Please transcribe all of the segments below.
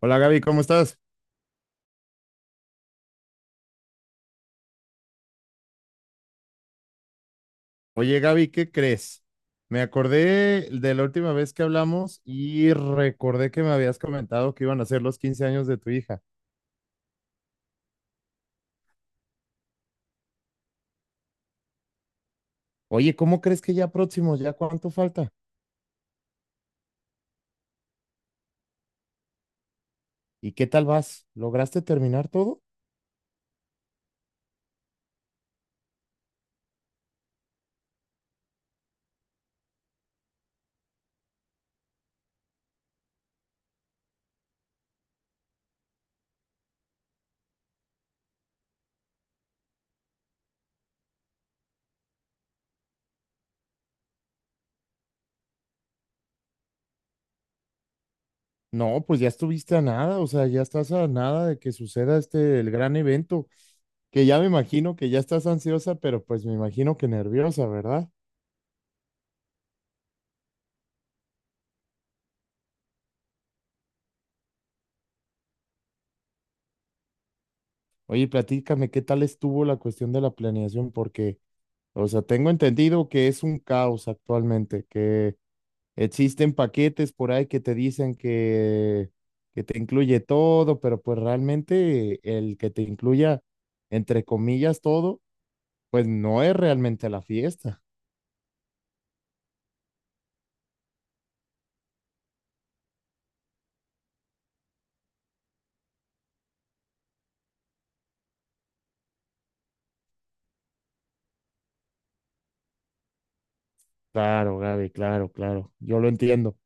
Hola Gaby, ¿cómo estás? Oye Gaby, ¿qué crees? Me acordé de la última vez que hablamos y recordé que me habías comentado que iban a ser los 15 años de tu hija. Oye, ¿cómo crees que ya próximos? ¿Ya cuánto falta? ¿Y qué tal vas? ¿Lograste terminar todo? No, pues ya estuviste a nada, o sea, ya estás a nada de que suceda el gran evento, que ya me imagino que ya estás ansiosa, pero pues me imagino que nerviosa, ¿verdad? Oye, platícame, ¿qué tal estuvo la cuestión de la planeación? Porque... O sea, tengo entendido que es un caos actualmente, que existen paquetes por ahí que te dicen que te incluye todo, pero pues realmente el que te incluya, entre comillas, todo, pues no es realmente la fiesta. Claro, Gaby, claro, claro, yo lo entiendo.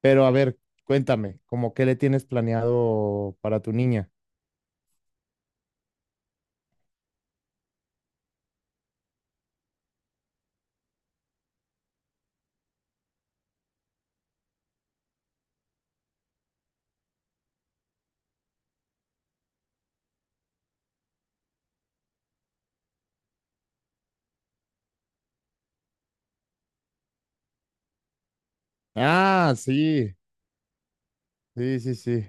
Pero a ver, cuéntame, ¿cómo qué le tienes planeado para tu niña? Ah, sí, sí, sí, sí.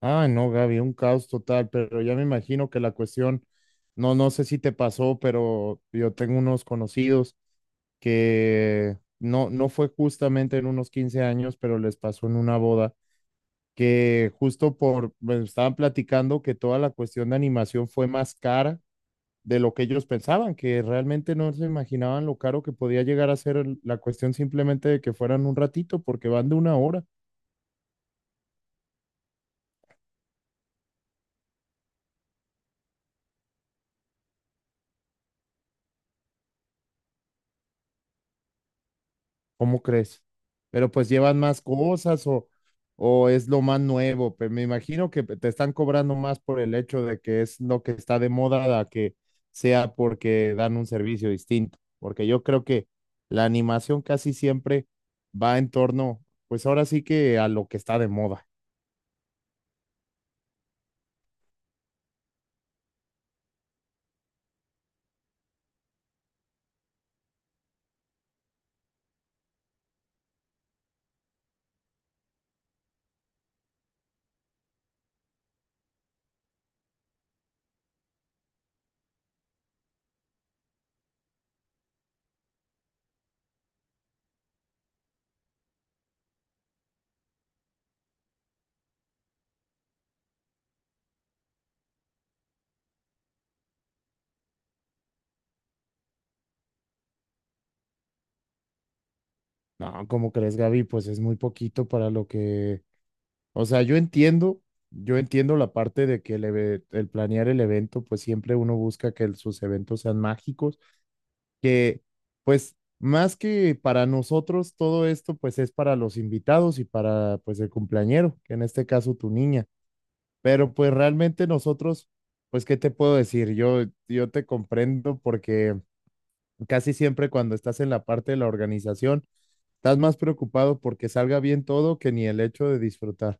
Ah, no, Gaby, un caos total, pero ya me imagino que la cuestión, no, no sé si te pasó, pero yo tengo unos conocidos que no, no fue justamente en unos 15 años, pero les pasó en una boda, que justo por, me estaban platicando que toda la cuestión de animación fue más cara de lo que ellos pensaban, que realmente no se imaginaban lo caro que podía llegar a ser la cuestión simplemente de que fueran un ratito, porque van de una hora. ¿Cómo crees? Pero pues llevan más cosas o es lo más nuevo. Pero me imagino que te están cobrando más por el hecho de que es lo que está de moda a que sea porque dan un servicio distinto. Porque yo creo que la animación casi siempre va en torno, pues ahora sí que a lo que está de moda. No, ¿cómo crees, Gaby? Pues es muy poquito para lo que... O sea, yo entiendo la parte de que el planear el evento, pues siempre uno busca que sus eventos sean mágicos que pues más que para nosotros todo esto pues es para los invitados y para pues el cumpleañero, que en este caso tu niña, pero pues realmente nosotros pues qué te puedo decir, yo te comprendo porque casi siempre cuando estás en la parte de la organización estás más preocupado porque salga bien todo que ni el hecho de disfrutar.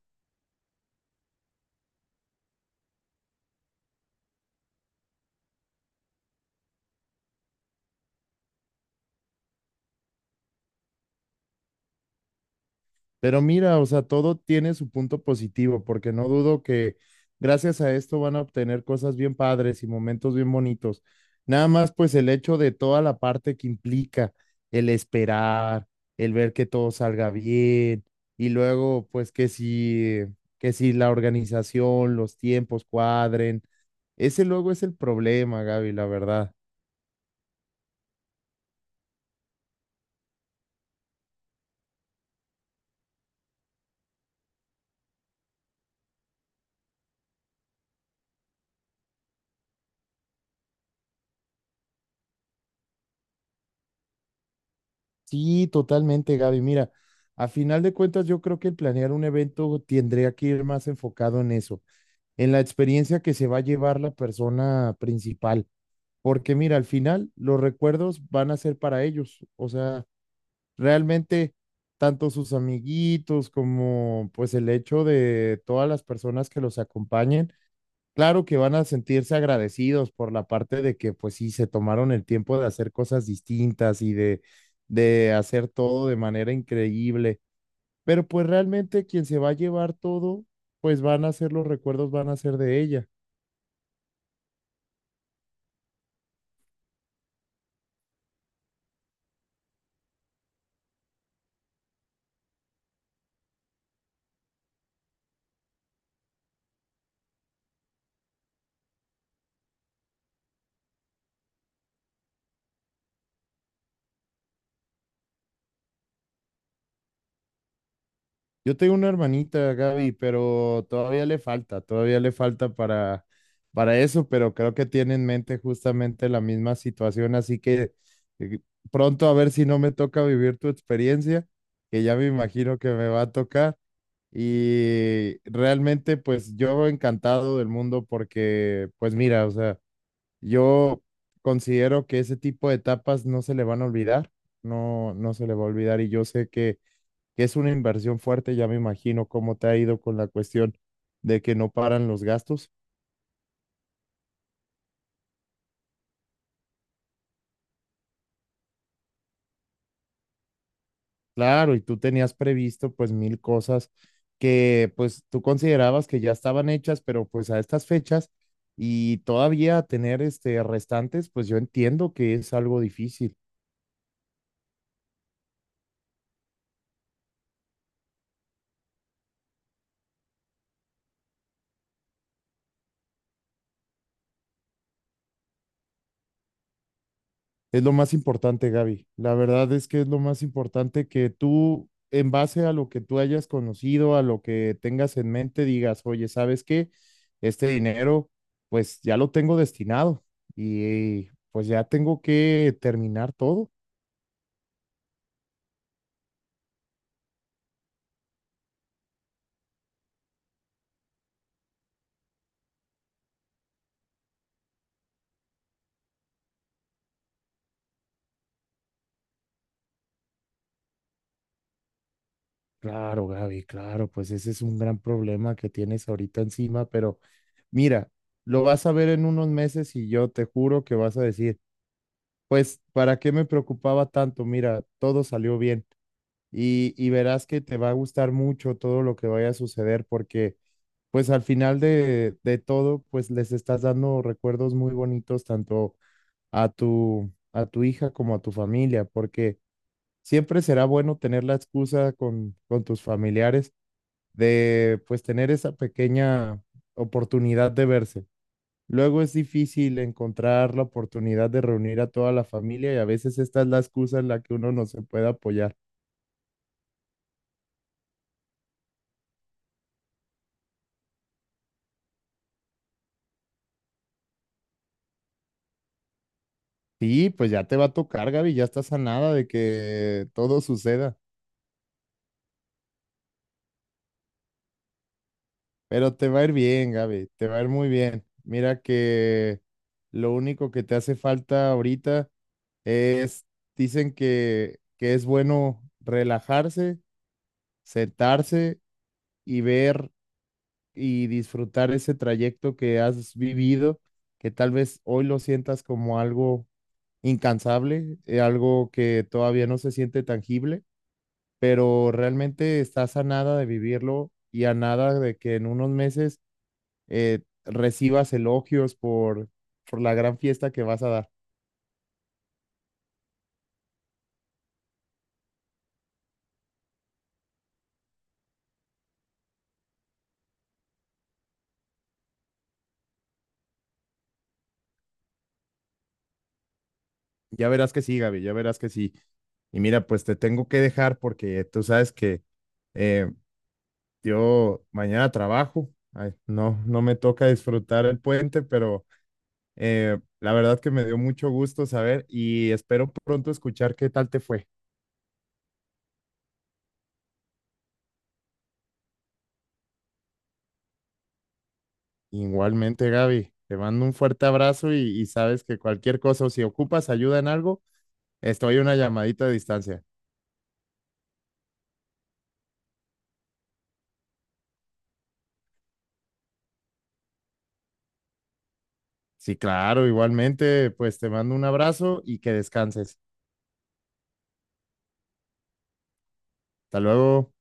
Pero mira, o sea, todo tiene su punto positivo, porque no dudo que gracias a esto van a obtener cosas bien padres y momentos bien bonitos. Nada más, pues el hecho de toda la parte que implica el esperar, el ver que todo salga bien y luego, pues que si la organización, los tiempos cuadren. Ese luego es el problema, Gaby, la verdad. Sí, totalmente, Gaby. Mira, a final de cuentas, yo creo que el planear un evento tendría que ir más enfocado en eso, en la experiencia que se va a llevar la persona principal. Porque mira, al final los recuerdos van a ser para ellos. O sea, realmente, tanto sus amiguitos como pues el hecho de todas las personas que los acompañen. Claro que van a sentirse agradecidos por la parte de que, pues sí, se tomaron el tiempo de hacer cosas distintas y de hacer todo de manera increíble. Pero pues realmente quien se va a llevar todo, pues van a ser los recuerdos, van a ser de ella. Yo tengo una hermanita, Gaby, pero todavía le falta para, eso, pero creo que tiene en mente justamente la misma situación, así que eh, pronto a ver si no me toca vivir tu experiencia, que ya me imagino que me va a tocar. Y realmente, pues yo encantado del mundo porque, pues mira, o sea, yo considero que ese tipo de etapas no se le van a olvidar, no, no se le va a olvidar y yo sé que es una inversión fuerte, ya me imagino cómo te ha ido con la cuestión de que no paran los gastos. Claro, y tú tenías previsto pues mil cosas que pues tú considerabas que ya estaban hechas, pero pues a estas fechas y todavía tener restantes, pues yo entiendo que es algo difícil. Es lo más importante, Gaby. La verdad es que es lo más importante que tú, en base a lo que tú hayas conocido, a lo que tengas en mente, digas, oye, ¿sabes qué? Este dinero pues ya lo tengo destinado y pues ya tengo que terminar todo. Claro, Gaby, claro, pues ese es un gran problema que tienes ahorita encima, pero mira, lo vas a ver en unos meses y yo te juro que vas a decir, pues, ¿para qué me preocupaba tanto? Mira, todo salió bien y verás que te va a gustar mucho todo lo que vaya a suceder porque, pues, al final de todo, pues, les estás dando recuerdos muy bonitos tanto a tu hija como a tu familia, porque siempre será bueno tener la excusa con tus familiares de pues tener esa pequeña oportunidad de verse. Luego es difícil encontrar la oportunidad de reunir a toda la familia y a veces esta es la excusa en la que uno no se puede apoyar. Sí, pues ya te va a tocar, Gaby, ya estás a nada de que todo suceda, pero te va a ir bien, Gaby, te va a ir muy bien. Mira que lo único que te hace falta ahorita es, dicen que es bueno relajarse, sentarse y ver y disfrutar ese trayecto que has vivido, que tal vez hoy lo sientas como algo incansable, algo que todavía no se siente tangible, pero realmente estás a nada de vivirlo y a nada de que en unos meses recibas elogios por la gran fiesta que vas a dar. Ya verás que sí, Gaby, ya verás que sí. Y mira, pues te tengo que dejar porque tú sabes que eh, yo mañana trabajo. Ay, no, no me toca disfrutar el puente, pero la verdad que me dio mucho gusto saber y espero pronto escuchar qué tal te fue. Igualmente, Gaby, te mando un fuerte abrazo y sabes que cualquier cosa o si ocupas ayuda en algo, estoy a una llamadita de distancia. Sí, claro, igualmente, pues te mando un abrazo y que descanses. Hasta luego.